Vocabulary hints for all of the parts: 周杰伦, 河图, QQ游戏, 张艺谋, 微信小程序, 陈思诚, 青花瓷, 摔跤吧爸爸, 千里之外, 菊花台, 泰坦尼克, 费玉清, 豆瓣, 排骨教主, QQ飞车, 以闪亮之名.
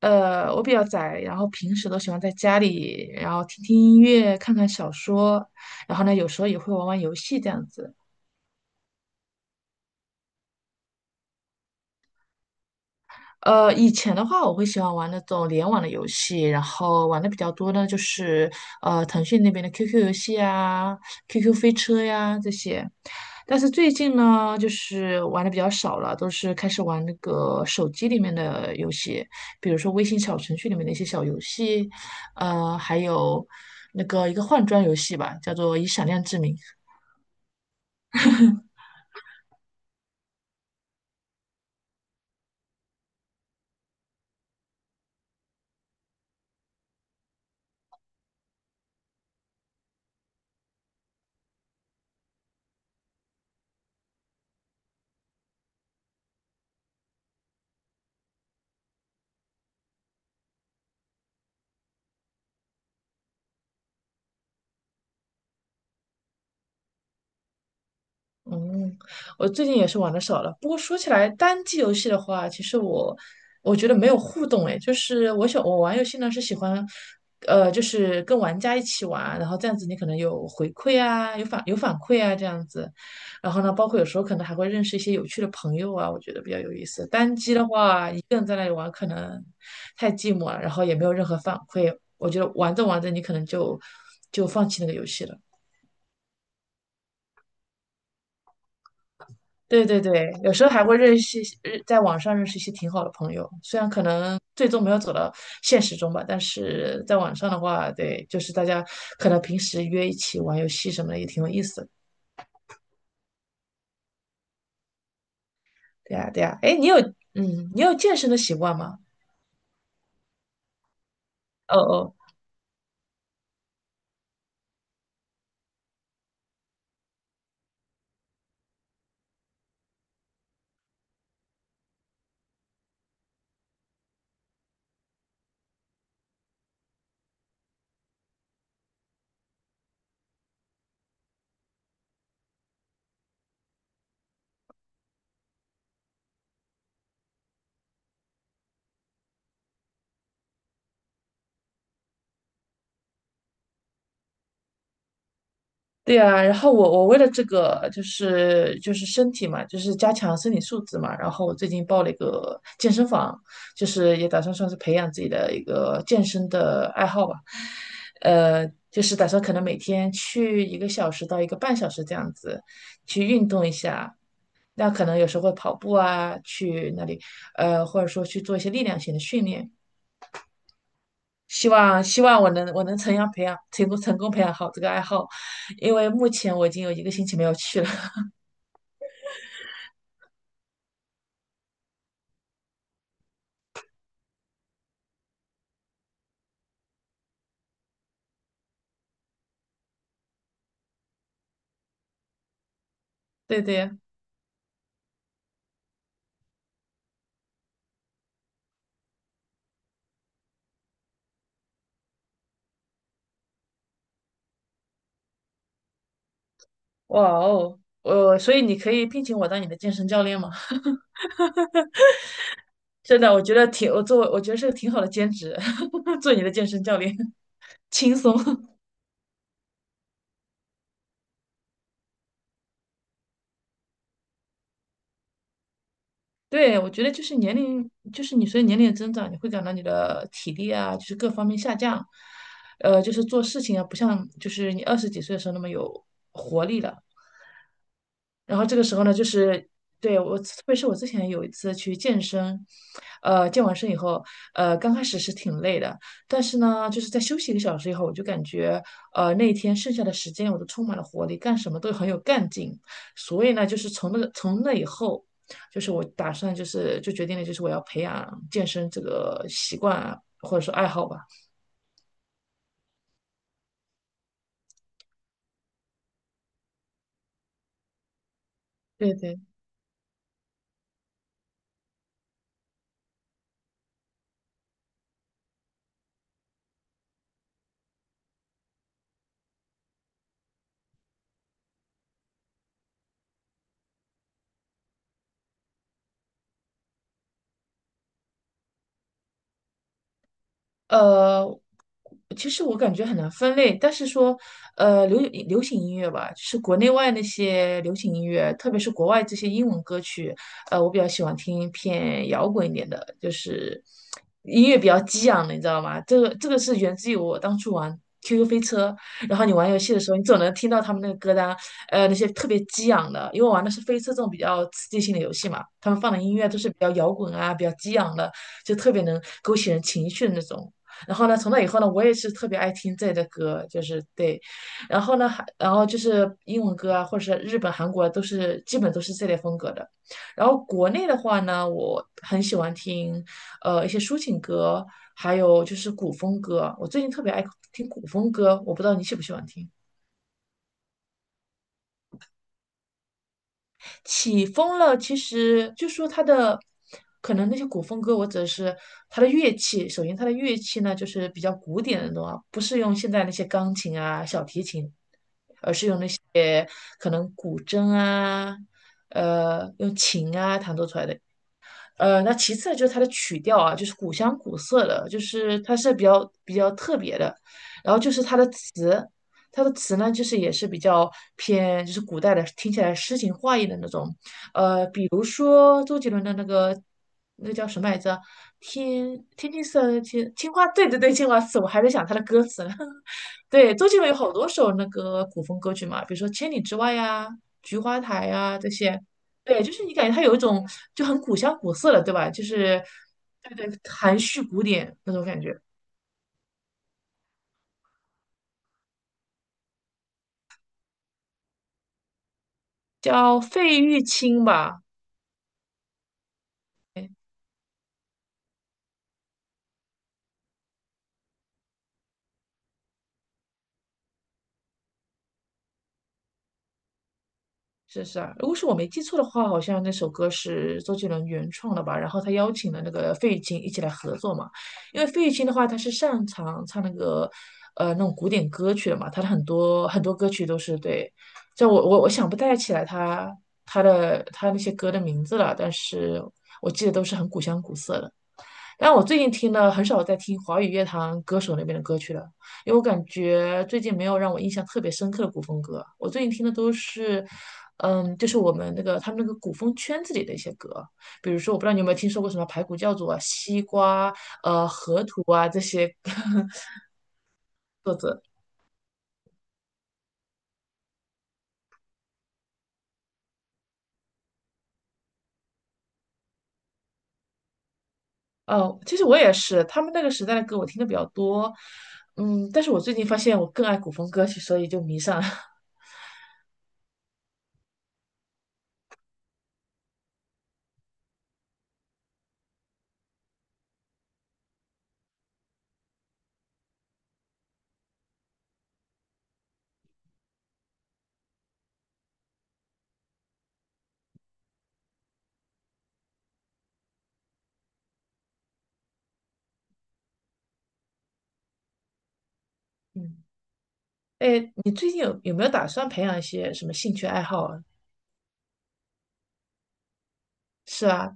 我比较宅，然后平时都喜欢在家里，然后听听音乐，看看小说，然后呢，有时候也会玩玩游戏这样子。以前的话，我会喜欢玩那种联网的游戏，然后玩的比较多呢，就是腾讯那边的 QQ 游戏啊、QQ 飞车呀这些。但是最近呢，就是玩的比较少了，都是开始玩那个手机里面的游戏，比如说微信小程序里面的一些小游戏，还有那个一个换装游戏吧，叫做《以闪亮之名》。嗯，我最近也是玩的少了。不过说起来，单机游戏的话，其实我觉得没有互动诶，就是我想我玩游戏呢是喜欢，就是跟玩家一起玩，然后这样子你可能有回馈啊，有反馈啊这样子。然后呢，包括有时候可能还会认识一些有趣的朋友啊，我觉得比较有意思。单机的话，一个人在那里玩可能太寂寞了，然后也没有任何反馈，我觉得玩着玩着你可能就放弃那个游戏了。对对对，有时候还会认识一些，在网上认识一些挺好的朋友，虽然可能最终没有走到现实中吧，但是在网上的话，对，就是大家可能平时约一起玩游戏什么的也挺有意思的。对呀，对呀，哎，你有健身的习惯吗？哦哦，对呀，然后我为了这个就是身体嘛，就是加强身体素质嘛，然后我最近报了一个健身房，就是也打算算是培养自己的一个健身的爱好吧，就是打算可能每天去一个小时到一个半小时这样子去运动一下，那可能有时候会跑步啊，去那里，或者说去做一些力量型的训练。希望我能成功培养好这个爱好，因为目前我已经有一个星期没有去了。对对，哇哦，所以你可以聘请我当你的健身教练吗？真的，我觉得是个挺好的兼职，做你的健身教练 轻松。对，我觉得就是年龄，就是你随着年龄的增长，你会感到你的体力啊，就是各方面下降，就是做事情啊，不像就是你二十几岁的时候那么有活力了。然后这个时候呢，就是对我，特别是我之前有一次去健身，健完身以后，刚开始是挺累的，但是呢，就是在休息一个小时以后，我就感觉，那一天剩下的时间我都充满了活力，干什么都很有干劲。所以呢，就是从那以后，就是我打算就是就决定了，就是我要培养健身这个习惯啊，或者说爱好吧。对对。呃，其实我感觉很难分类，但是说，呃，流流行音乐吧，就是国内外那些流行音乐，特别是国外这些英文歌曲，我比较喜欢听偏摇滚一点的，就是音乐比较激昂的，你知道吗？这个是源自于我当初玩 QQ 飞车，然后你玩游戏的时候，你总能听到他们那个歌单，那些特别激昂的，因为我玩的是飞车这种比较刺激性的游戏嘛，他们放的音乐都是比较摇滚啊，比较激昂的，就特别能勾起人情绪的那种。然后呢，从那以后呢，我也是特别爱听这类的歌，就是对，然后呢，然后就是英文歌啊，或者是日本、韩国都是基本都是这类风格的。然后国内的话呢，我很喜欢听一些抒情歌，还有就是古风歌。我最近特别爱听古风歌，我不知道你喜不喜欢听。起风了，其实就说它的。可能那些古风歌，我只是它的乐器。首先，它的乐器呢，就是比较古典的那种啊，不是用现在那些钢琴啊、小提琴也可能古筝啊，用琴啊弹奏出来的那其次呢就是它的曲调啊，就是古香古色的，就是它是比较比较特别的。然后就是它的词，它的词呢，就是也是比较偏就是古代的，听起来诗情画意的那种。比如说周杰伦的那个叫什么来着？天天青色天青花，对对对，青花瓷，我还在想它的歌词呢。对，周杰伦有好多首那个古风歌曲嘛，比如说《千里之外》呀、《菊花台》呀这些，对，就是你感觉它有一种就很古香古色的，对吧？就是对对，含蓄古典那种感觉，叫费玉清吧，哎是是啊？如果是我没记错的话，好像那首歌是周杰伦原创的吧？然后他邀请了那个费玉清一起来合作嘛，因为费玉清的话，他是擅长唱那个那种古典歌曲的嘛，他的很多很多歌曲都是对，就我想不太起来他那些歌的名字了，但是我记得都是很古香古色的。但我最近听的很少在听华语乐坛歌手那边的歌曲了，因为我感觉最近没有让我印象特别深刻的古风歌。我最近听的都是，就是我们那个他们那个古风圈子里的一些歌，比如说我不知道你有没有听说过什么排骨教主啊、西瓜、河图啊这些 作者。其实我也是，他们那个时代的歌我听的比较多，嗯，但是我最近发现我更爱古风歌曲，所以就迷上了。嗯，哎，你最近有没有打算培养一些什么兴趣爱好啊？是啊，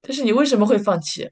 但是你为什么会放弃？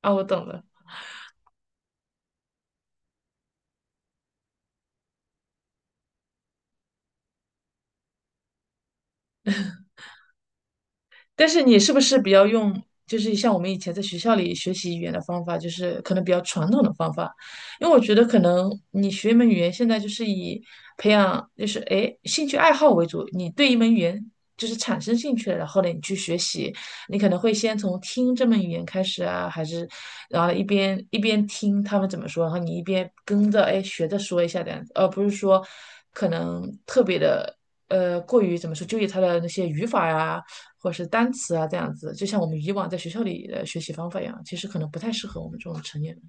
啊，我懂了。但是你是不是比较用，就是像我们以前在学校里学习语言的方法，就是可能比较传统的方法？因为我觉得可能你学一门语言，现在就是以培养，就是兴趣爱好为主。你对一门语言就是产生兴趣了，然后呢你去学习，你可能会先从听这门语言开始啊，还是然后一边听他们怎么说，然后你一边跟着学着说一下这样子，而不是说可能特别的。过于怎么说，纠结它的那些语法呀、或者是单词啊这样子，就像我们以往在学校里的学习方法一样，其实可能不太适合我们这种成年人。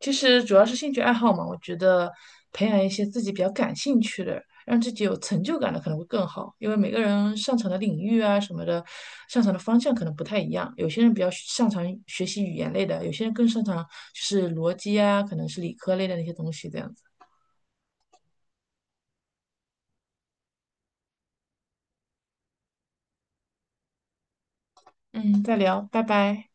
其实主要是兴趣爱好嘛，我觉得培养一些自己比较感兴趣的，让自己有成就感的可能会更好，因为每个人擅长的领域啊什么的，擅长的方向可能不太一样。有些人比较擅长学习语言类的，有些人更擅长就是逻辑啊，可能是理科类的那些东西这样子。嗯，再聊，拜拜。